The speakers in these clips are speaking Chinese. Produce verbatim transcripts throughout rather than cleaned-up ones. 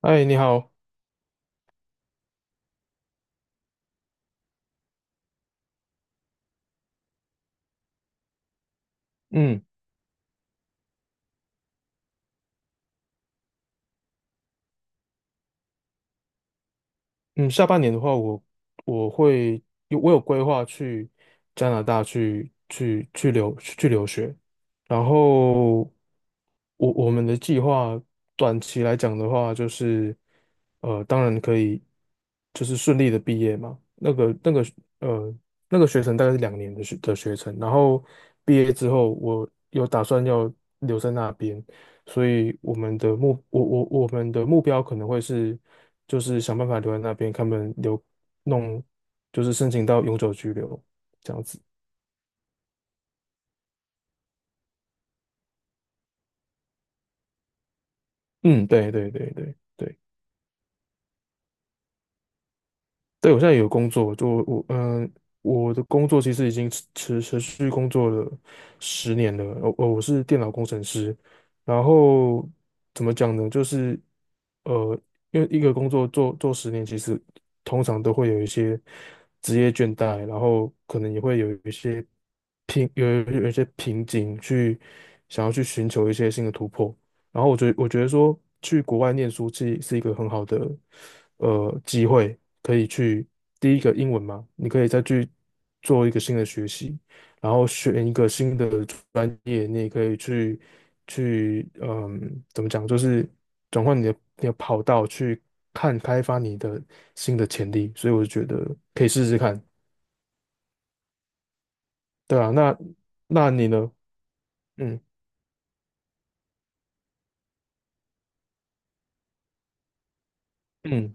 哎，你好，嗯嗯，下半年的话我，我会有我有规划去加拿大去去去留去留学，然后我我们的计划短期来讲的话，就是呃，当然可以就是顺利的毕业嘛，那个那个呃那个学程大概是两年的学的学程，然后毕业之后我有打算要留在那边，所以我们的目，我我我们的目标可能会是，就是想办法留在那边，他们留弄，就是申请到永久居留这样子。嗯，对对对对对，对，我现在有工作，就我嗯、呃我的工作其实已经持持持续工作了十年了。我，我我是电脑工程师，然后怎么讲呢？就是呃，因为一个工作做做十年，其实通常都会有一些职业倦怠，然后可能也会有一些瓶有有一些瓶颈去想要去寻求一些新的突破。然后我觉我觉得说去国外念书是是一个很好的呃机会，可以去第一个英文嘛，你可以再去做一个新的学习，然后选一个新的专业，你也可以去去嗯怎么讲，就是转换你的你的跑道去看开发你的新的潜力，所以我就觉得可以试试看，对啊，那那你呢？嗯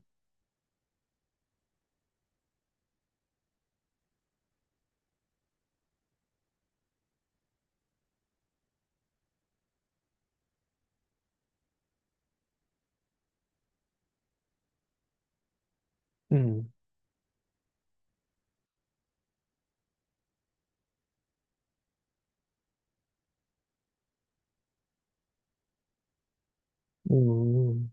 嗯嗯嗯嗯。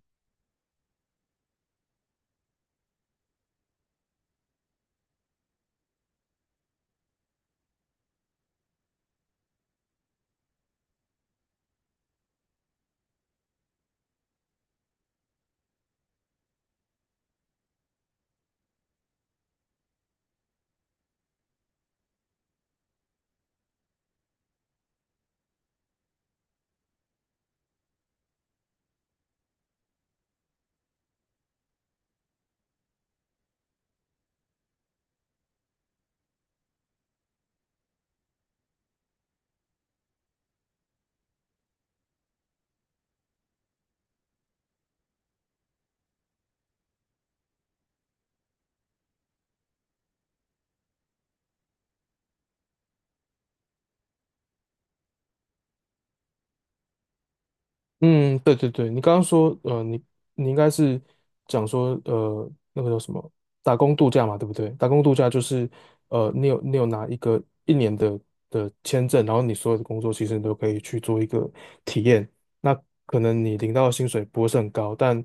嗯，对对对，你刚刚说，呃，你你应该是讲说，呃，那个叫什么打工度假嘛，对不对？打工度假就是，呃，你有你有拿一个一年的的签证，然后你所有的工作其实你都可以去做一个体验。那可能你领到的薪水不会是很高，但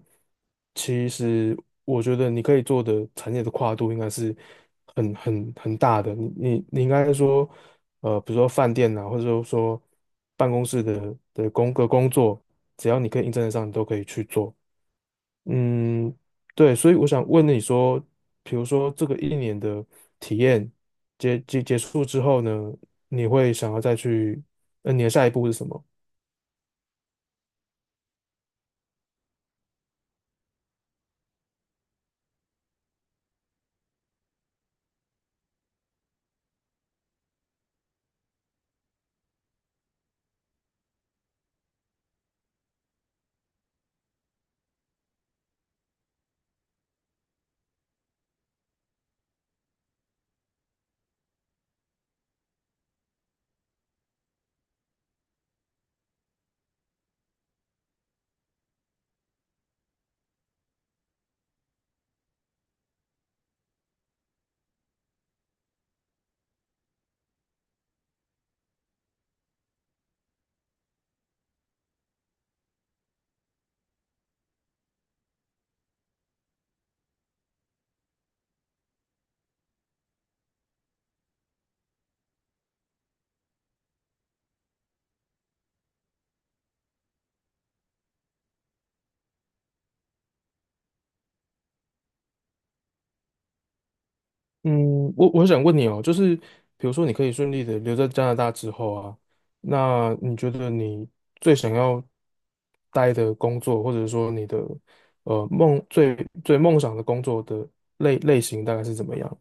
其实我觉得你可以做的产业的跨度应该是很很很大的。你你你应该说，呃，比如说饭店啊，或者说说办公室的的工个工作。只要你可以应征得上，你都可以去做。嗯，对，所以我想问你说，比如说这个一年的体验结结结束之后呢，你会想要再去，呃，你的下一步是什么？嗯，我我想问你哦，就是比如说你可以顺利的留在加拿大之后啊，那你觉得你最想要待的工作，或者说你的呃梦最最梦想的工作的类类型大概是怎么样？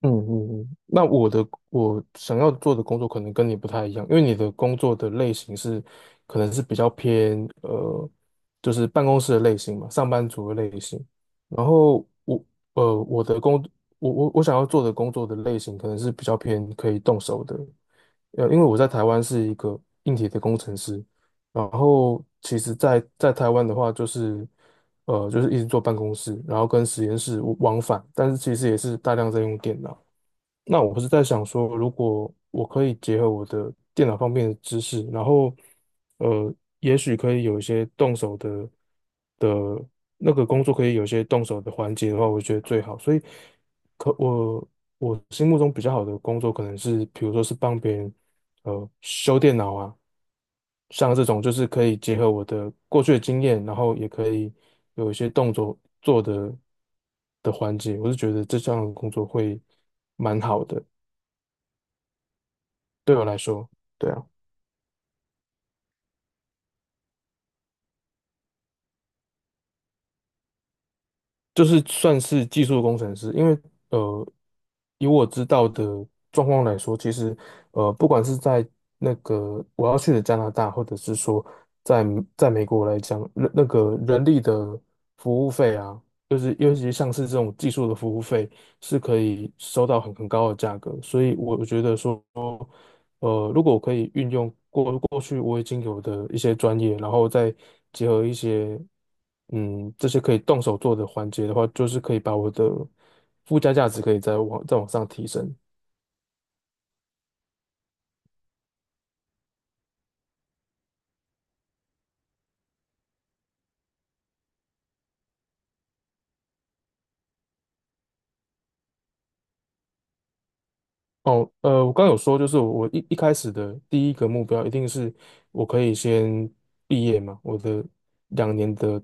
嗯嗯嗯，那我的我想要做的工作可能跟你不太一样，因为你的工作的类型是可能是比较偏呃，就是办公室的类型嘛，上班族的类型。然后我呃我的工我我我想要做的工作的类型可能是比较偏可以动手的，呃，因为我在台湾是一个硬体的工程师，然后其实在，在台湾的话，就是呃，就是一直做办公室，然后跟实验室往返，但是其实也是大量在用电脑。那我不是在想说，如果我可以结合我的电脑方面的知识，然后呃，也许可以有一些动手的的那个工作，可以有一些动手的环节的话，我觉得最好。所以可我我心目中比较好的工作，可能是比如说是帮别人呃修电脑啊，像这种就是可以结合我的过去的经验，然后也可以有一些动作做的的环节，我是觉得这项工作会蛮好的，对我来说，对啊。就是算是技术工程师，因为呃，以我知道的状况来说，其实呃，不管是在那个我要去的加拿大，或者是说在在美国来讲，那那个人力的服务费啊，就是尤其像是这种技术的服务费，是可以收到很很高的价格，所以我觉得说。呃，如果我可以运用过过去我已经有的一些专业，然后再结合一些，嗯，这些可以动手做的环节的话，就是可以把我的附加价值可以再往再往上提升。哦，呃，我刚有说，就是我一一开始的第一个目标一定是我可以先毕业嘛，我的两年的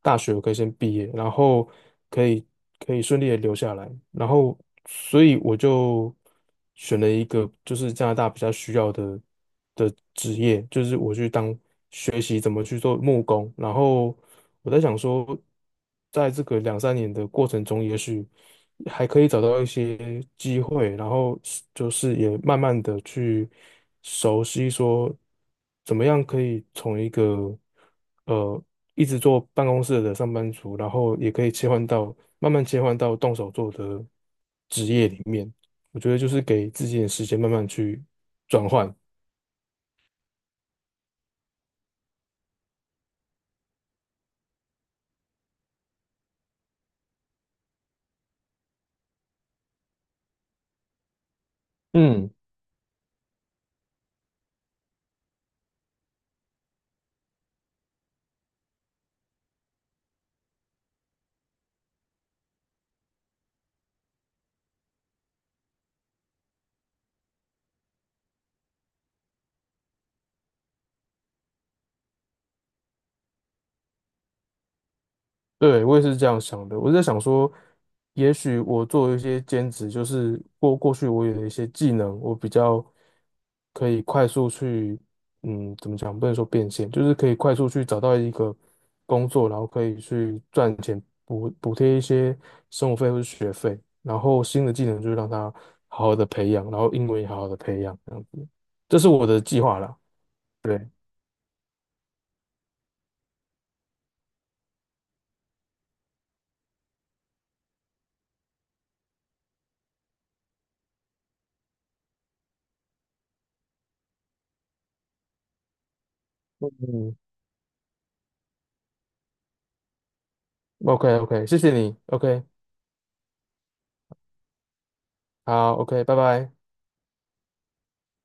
大学我可以先毕业，然后可以可以顺利的留下来，然后所以我就选了一个就是加拿大比较需要的的职业，就是我去当学习怎么去做木工，然后我在想说，在这个两三年的过程中，也许还可以找到一些机会，然后是就是也慢慢的去熟悉说怎么样可以从一个，呃一直做办公室的上班族，然后也可以切换到慢慢切换到动手做的职业里面。我觉得就是给自己点时间慢慢去转换。嗯。对，我也是这样想的。我在想说，也许我做一些兼职，就是过过去我有一些技能，我比较可以快速去，嗯，怎么讲？不能说变现，就是可以快速去找到一个工作，然后可以去赚钱补补贴一些生活费或是学费，然后新的技能就是让它好好的培养，然后英文也好好的培养，这样子，这是我的计划啦。对，嗯，OK OK，谢谢你，OK，好，OK，拜拜。